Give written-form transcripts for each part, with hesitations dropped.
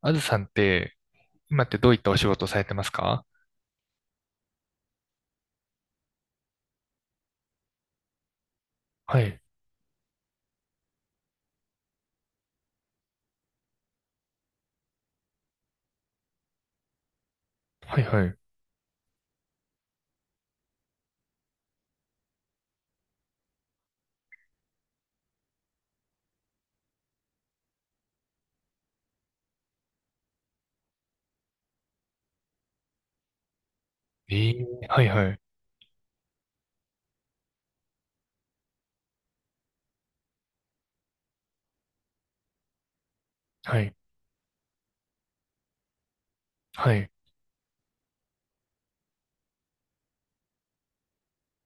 あずさんって、今ってどういったお仕事をされてますか？はい、はい、はい。ええ、はい、はい、はい、はい、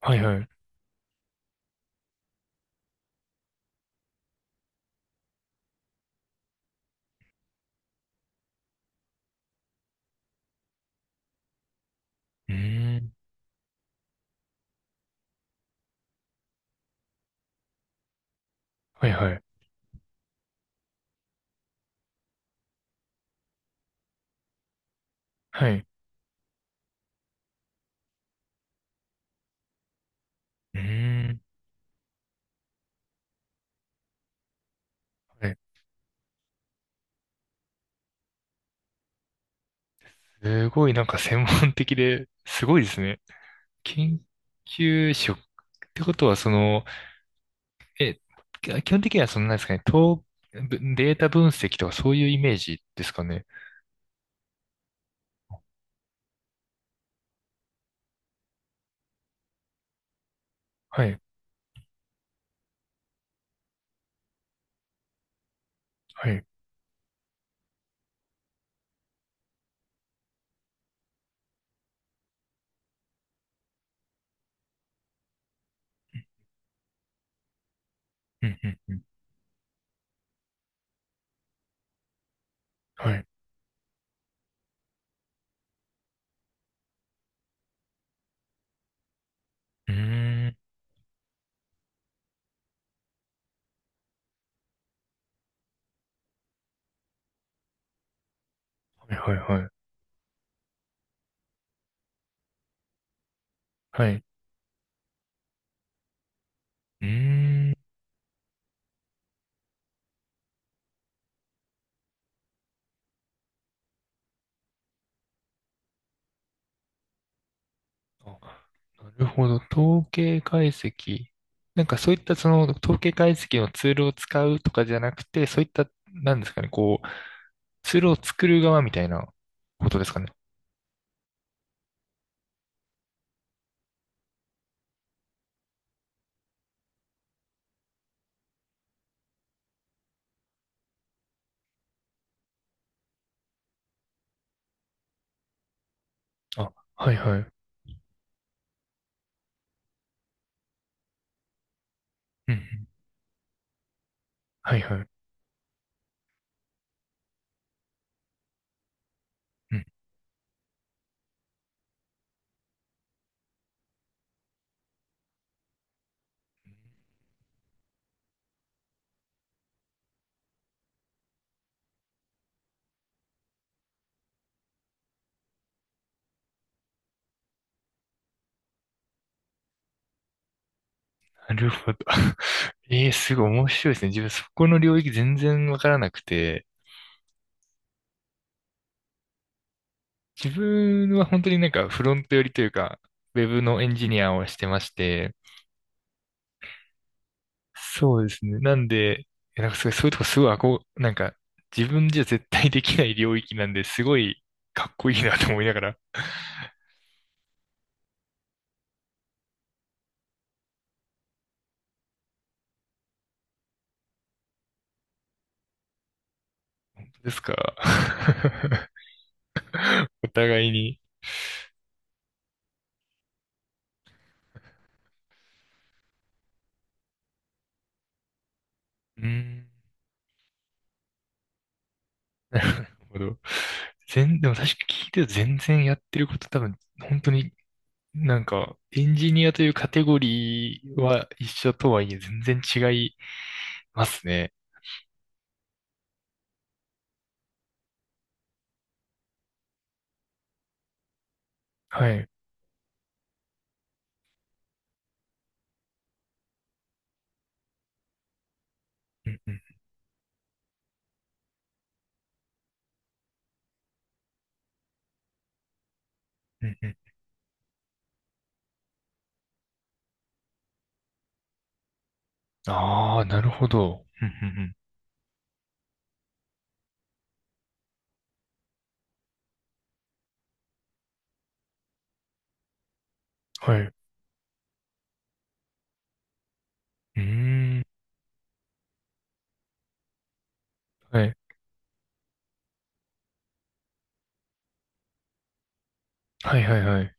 はい、はい。うーん、はい、はい、はい。うーん、はい。すごいなんか専門的で、すごいですね。研究職ってことは、その、え、基本的にはそのなんですかね、データ分析とかそういうイメージですかね？はい、はい。うん、うん、うん。はい。うーん、はい、はい、はい。はい。うーん。あ、なるほど。統計解析。なんかそういったその統計解析のツールを使うとかじゃなくて、そういった、なんですかね、こう、ツールを作る側みたいなことですかね？あ、はいはい。うんうん。はいはい。うん。なるほど。ええ、すごい面白いですね。自分そこの領域全然わからなくて、自分は本当になんかフロント寄りというか、ウェブのエンジニアをしてまして、そうですね。なんで、なんかすごい、そういうとこすごい憧れ、なんか自分じゃ絶対できない領域なんで、すごいかっこいいなと思いながら。ですか。お互いに。うーん、なるほど。でも確か聞いてると全然やってること多分、本当になんか、エンジニアというカテゴリーは一緒とはいえ全然違いますね。はい。うんうんうんうん。ああ、なるほど。うんうんうん。はい。うーん。はいはいはいはい。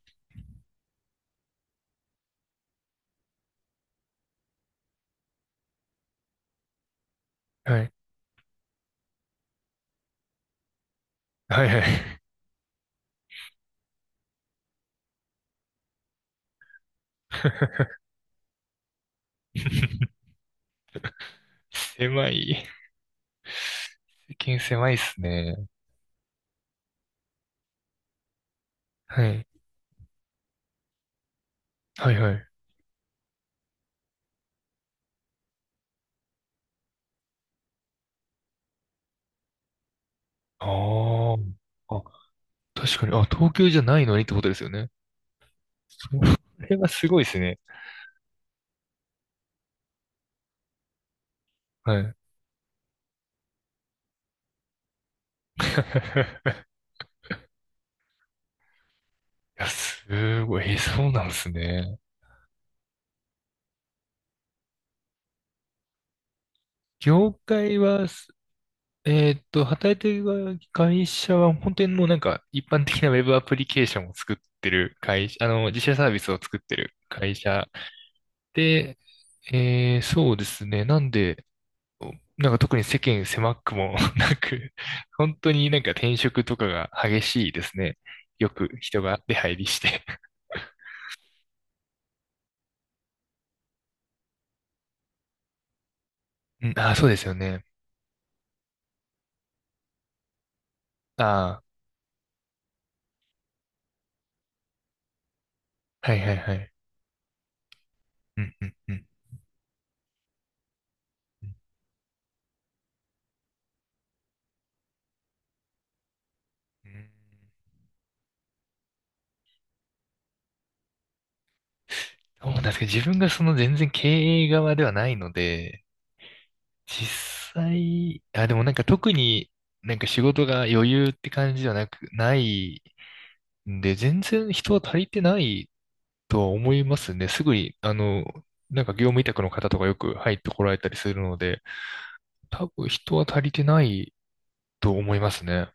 はい。はいはい。狭い。世間狭いっすね。はい。はいはい。ああ。あ、確かに。あ、東京じゃないのにってことですよね。それはすごいですね。はい。いや、すごい。そうなんですね。業界はす、えーっと、働いてる会社は本当にもうなんか一般的なウェブアプリケーションを作ってる会社、あの、自社サービスを作ってる会社で、ええ、そうですね。なんで、なんか特に世間狭くも なく、本当になんか転職とかが激しいですね。よく人が出入りして うん、ああ、そうですよね。ああ、はいはいはい。うん、うん、うん。うんうん、そうなんですけど、自分がその全然経営側ではないので、実際、あ、でもなんか特になんか仕事が余裕って感じじゃなく、ないんで、全然人は足りてないとは思いますね。すぐに、あの、なんか業務委託の方とかよく入ってこられたりするので、多分人は足りてないと思いますね。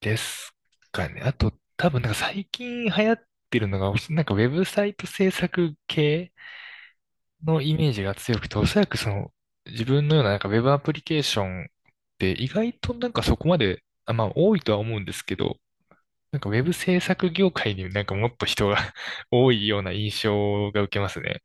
ですかね。あと、多分なんか最近流行ってるのが、なんかウェブサイト制作系のイメージが強くて、おそらくその自分のようななんかウェブアプリケーションって意外となんかそこまで、あ、まあ多いとは思うんですけど、なんかウェブ制作業界になんかもっと人が 多いような印象が受けますね。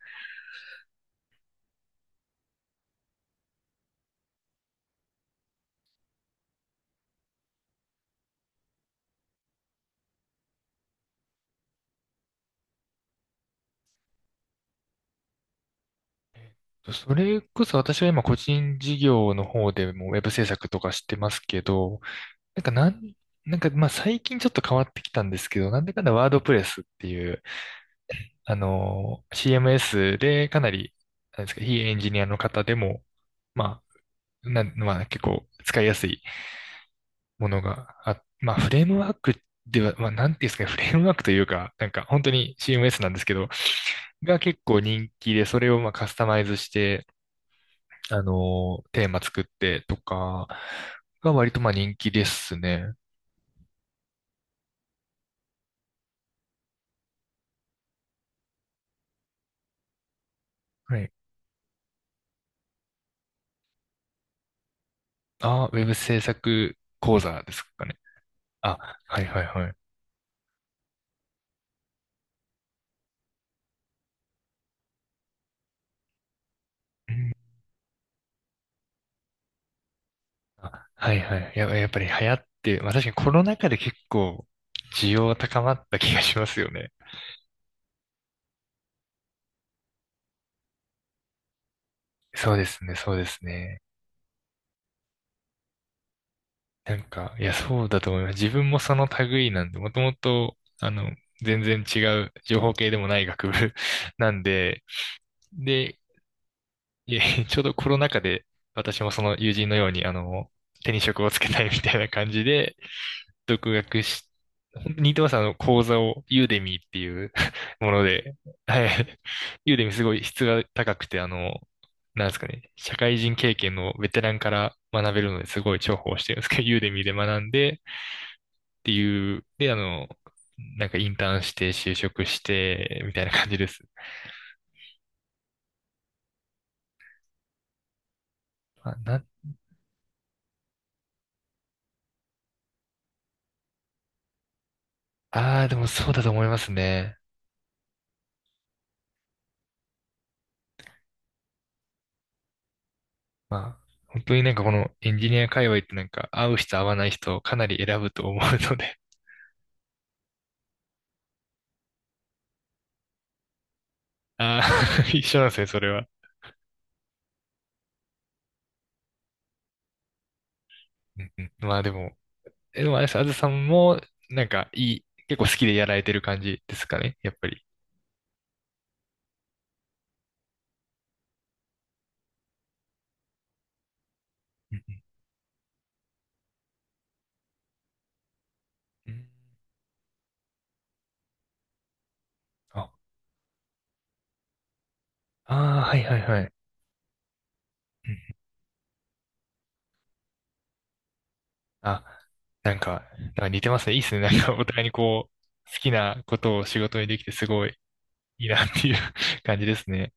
それこそ私は今個人事業の方でもウェブ制作とかしてますけど、なんかなん、なんかまあ最近ちょっと変わってきたんですけど、なんだかんだワードプレスっていう、あの、CMS でかなり、なんですか、非エンジニアの方でも、ままあ結構使いやすいものがあ、まあフレームワークでは、まあなんていうんですかね、フレームワークというか、なんか本当に CMS なんですけど、が結構人気で、それをまあカスタマイズして、あの、テーマ作ってとかが割とまあ人気ですね。はい。あ、ウェブ制作講座ですかね？あ、はいはいはい。うん、あ、はいはい。やっぱり流行って、まあ確かにコロナ禍で結構需要が高まった気がしますよね。そうですね、そうですね。なんか、いや、そうだと思います。自分もその類なんで、もともと、あの、全然違う情報系でもない学部 なんで、で、いえ、ちょうどコロナ禍で、私もその友人のように、あの、手に職をつけたいみたいな感じで、独学し、本当に似てます、あの、講座を、ユーデミーっていう もので、はい。ユーデミーすごい質が高くて、あの、なんですかね、社会人経験のベテランから学べるのですごい重宝してるんですけど、ユーデミーで学んでっていう、で、あの、なんかインターンして就職して、みたいな感じです。あ、な、ああ、でもそうだと思いますね。まあ、本当になんかこのエンジニア界隈ってなんか合う人合わない人をかなり選ぶと思うので。ああ、一緒なんですね、それは。うんうん、まあでも、でもあれです、あずさんもなんかいい、結構好きでやられてる感じですかね、やっぱり？うんうんうん、ああー、はいはいはい。うん、あ、なんか、なんか似てますね。いいっすね。なんかお互いにこう、好きなことを仕事にできてすごいいいなっていう 感じですね。